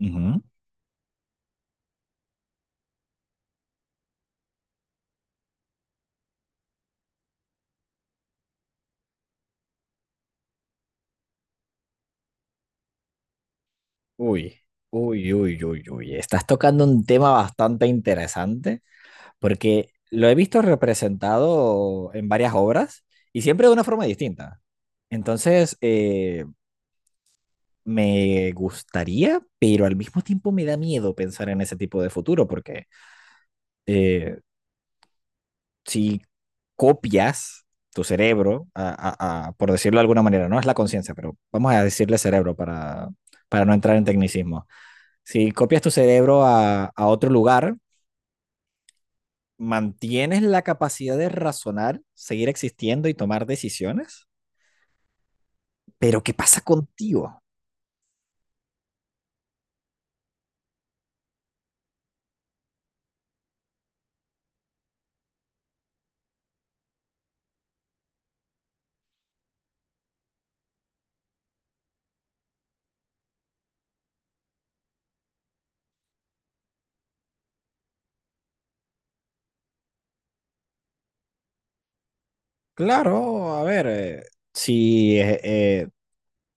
Ujú. Uy, uy, uy, uy, uy. Estás tocando un tema bastante interesante porque lo he visto representado en varias obras y siempre de una forma distinta. Entonces, me gustaría, pero al mismo tiempo me da miedo pensar en ese tipo de futuro porque eh, si copias tu cerebro, por decirlo de alguna manera, no es la conciencia, pero vamos a decirle cerebro para no entrar en tecnicismo. Si copias tu cerebro a otro lugar, mantienes la capacidad de razonar, seguir existiendo y tomar decisiones, pero ¿qué pasa contigo? Claro, a ver, si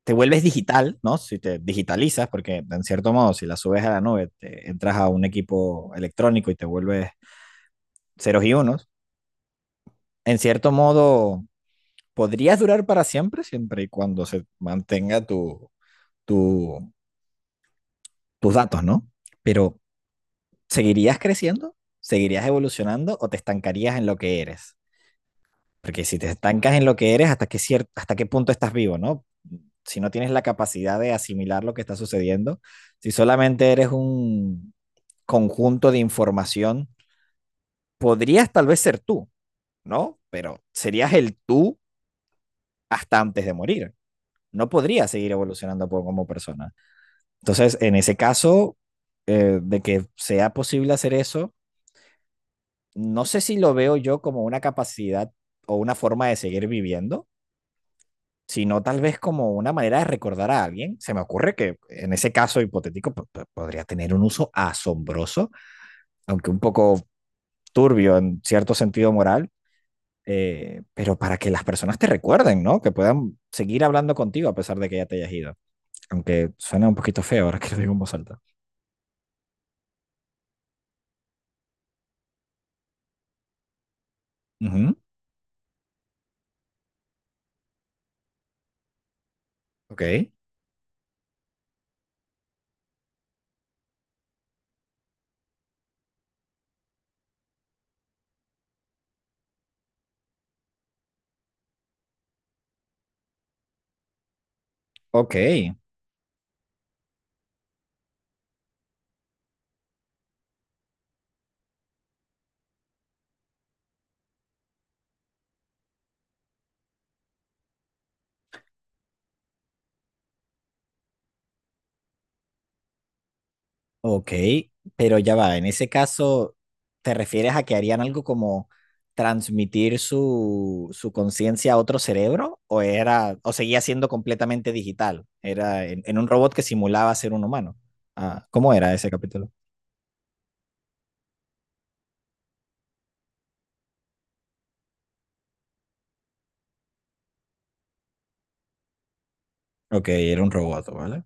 te vuelves digital, ¿no? Si te digitalizas, porque en cierto modo, si la subes a la nube, te entras a un equipo electrónico y te vuelves ceros y unos, en cierto modo, podrías durar para siempre, siempre y cuando se mantenga tu, tus datos, ¿no? Pero ¿seguirías creciendo? ¿Seguirías evolucionando o te estancarías en lo que eres? Porque si te estancas en lo que eres, ¿ hasta qué punto estás vivo, no? Si no tienes la capacidad de asimilar lo que está sucediendo, si solamente eres un conjunto de información, podrías tal vez ser tú, ¿no? Pero serías el tú hasta antes de morir. No podrías seguir evolucionando como persona. Entonces, en ese caso, de que sea posible hacer eso, no sé si lo veo yo como una capacidad o una forma de seguir viviendo, sino tal vez como una manera de recordar a alguien. Se me ocurre que en ese caso hipotético podría tener un uso asombroso, aunque un poco turbio en cierto sentido moral, pero para que las personas te recuerden, ¿no? Que puedan seguir hablando contigo a pesar de que ya te hayas ido. Aunque suena un poquito feo ahora que lo digo en voz alta. Ujú. Ok, ok. Ok, pero ya va, en ese caso, ¿te refieres a que harían algo como transmitir su conciencia a otro cerebro? ¿O era, o seguía siendo completamente digital? Era en un robot que simulaba ser un humano. Ah, ¿cómo era ese capítulo? Ok, era un robot, ¿vale?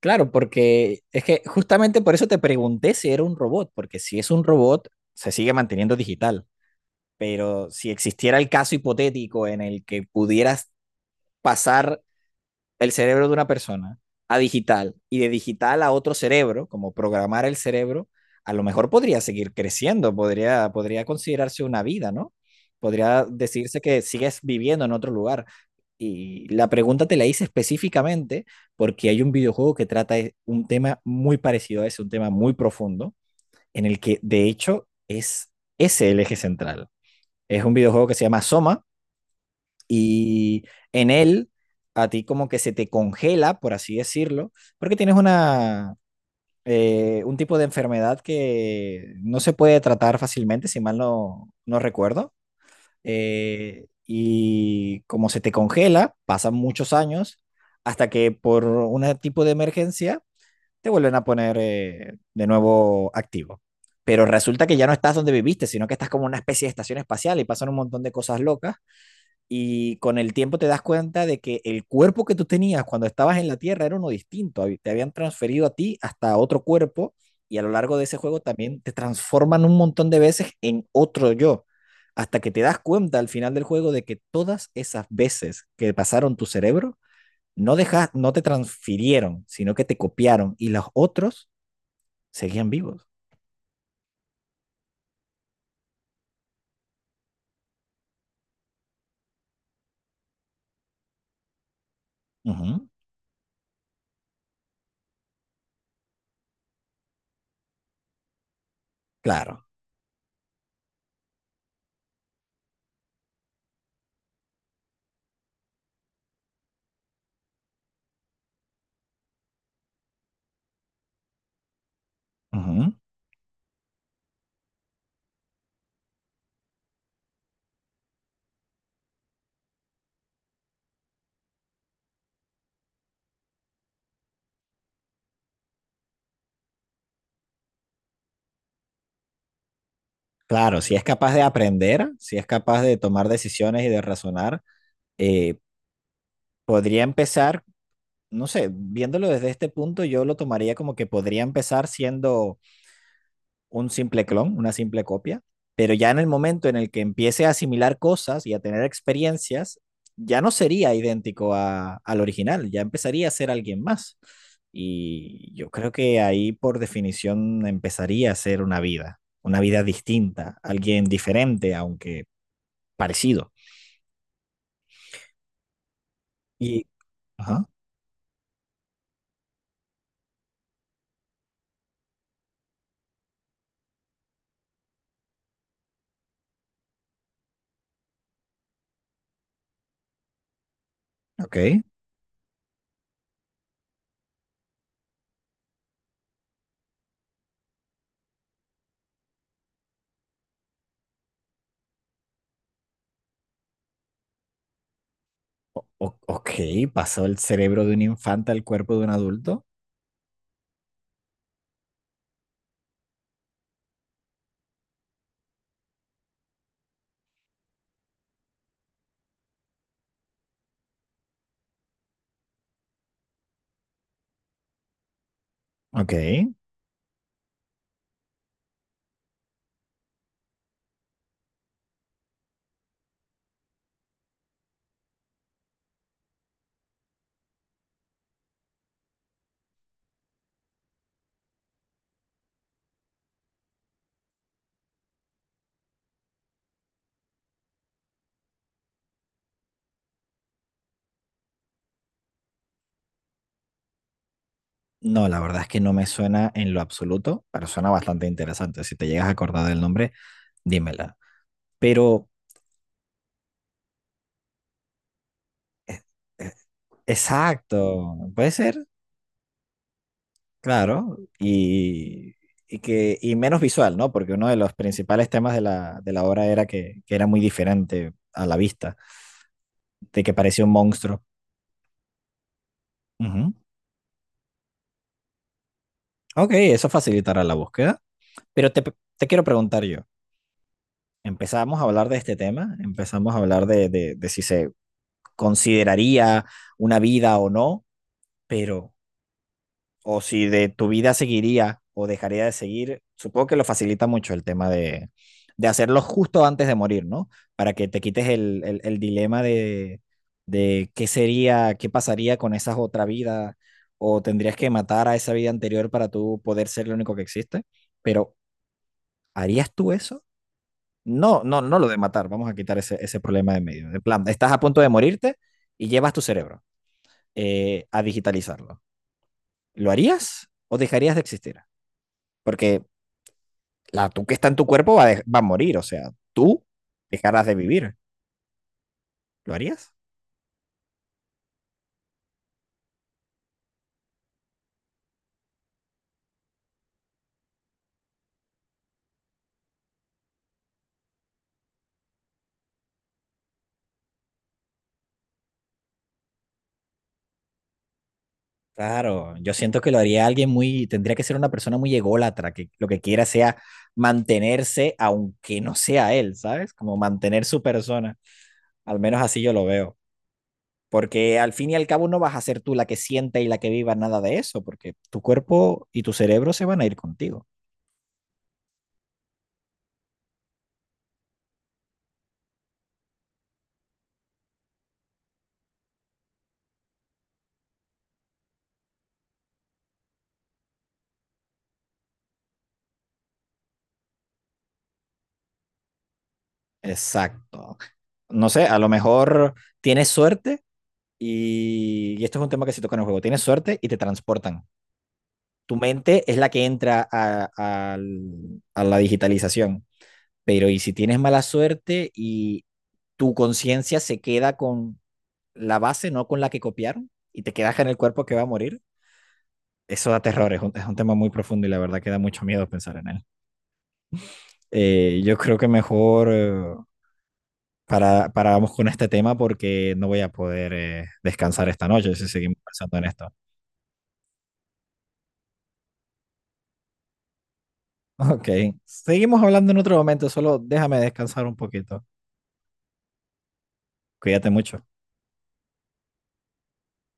Claro, porque es que justamente por eso te pregunté si era un robot, porque si es un robot, se sigue manteniendo digital, pero si existiera el caso hipotético en el que pudieras pasar el cerebro de una persona a digital y de digital a otro cerebro, como programar el cerebro, a lo mejor podría seguir creciendo, podría considerarse una vida, ¿no? Podría decirse que sigues viviendo en otro lugar. Y la pregunta te la hice específicamente porque hay un videojuego que trata un tema muy parecido a ese, un tema muy profundo, en el que de hecho es ese el eje central. Es un videojuego que se llama Soma, y en él a ti como que se te congela, por así decirlo, porque tienes un tipo de enfermedad que no se puede tratar fácilmente, si mal no recuerdo. Y como se te congela, pasan muchos años hasta que por un tipo de emergencia te vuelven a poner de nuevo activo. Pero resulta que ya no estás donde viviste, sino que estás como una especie de estación espacial y pasan un montón de cosas locas y con el tiempo te das cuenta de que el cuerpo que tú tenías cuando estabas en la Tierra era uno distinto, te habían transferido a ti hasta otro cuerpo y a lo largo de ese juego también te transforman un montón de veces en otro yo, hasta que te das cuenta al final del juego de que todas esas veces que pasaron tu cerebro no te transfirieron, sino que te copiaron y los otros seguían vivos. Ujú, claro. Ujú, claro, si es capaz de aprender, si es capaz de tomar decisiones y de razonar, eh, Podría empezar, no sé, viéndolo desde este punto, yo lo tomaría como que podría empezar siendo un simple clon, una simple copia, pero ya en el momento en el que empiece a asimilar cosas y a tener experiencias, ya no sería idéntico al original, ya empezaría a ser alguien más. Y yo creo que ahí por definición empezaría a ser una vida distinta, alguien diferente, aunque parecido. Y, ajá, ok. Ok, pasó el cerebro de un infante al cuerpo de un adulto. Ok. No, la verdad es que no me suena en lo absoluto, pero suena bastante interesante. Si te llegas a acordar del nombre, dímela. Pero, eh, exacto, puede ser, claro. Y que, y menos visual, ¿no? Porque uno de los principales temas de de la obra era que era muy diferente a la vista, de que parecía un monstruo. Ujú. Ok, eso facilitará la búsqueda. Pero te, te quiero preguntar yo. Empezamos a hablar de este tema, empezamos a hablar de si se consideraría una vida o no, pero, o si de tu vida seguiría o dejaría de seguir, supongo que lo facilita mucho el tema de hacerlo justo antes de morir, ¿no? Para que te quites el dilema de qué sería, qué pasaría con esa otra vida, o tendrías que matar a esa vida anterior para tú poder ser lo único que existe, pero ¿harías tú eso? No, no, no lo de matar. Vamos a quitar ese problema de medio. De plan, estás a punto de morirte y llevas tu cerebro a digitalizarlo. ¿Lo harías o dejarías de existir? Porque la tú que está en tu cuerpo va, va a morir, o sea, tú dejarás de vivir. ¿Lo harías? Claro, yo siento que lo haría alguien muy, tendría que ser una persona muy ególatra, que lo que quiera sea mantenerse, aunque no sea él, ¿sabes? Como mantener su persona. Al menos así yo lo veo. Porque al fin y al cabo no vas a ser tú la que sienta y la que viva nada de eso, porque tu cuerpo y tu cerebro se van a ir contigo. Exacto. No sé, a lo mejor tienes suerte y esto es un tema que se toca en el juego. Tienes suerte y te transportan. Tu mente es la que entra a, a la digitalización, pero ¿y si tienes mala suerte y tu conciencia se queda con la base, no con la que copiaron, y te quedas en el cuerpo que va a morir? Eso da terror, es un tema muy profundo y la verdad que da mucho miedo pensar en él. Yo creo que mejor para, paramos con este tema porque no voy a poder descansar esta noche si seguimos pensando en esto. Ok, seguimos hablando en otro momento, solo déjame descansar un poquito. Cuídate mucho.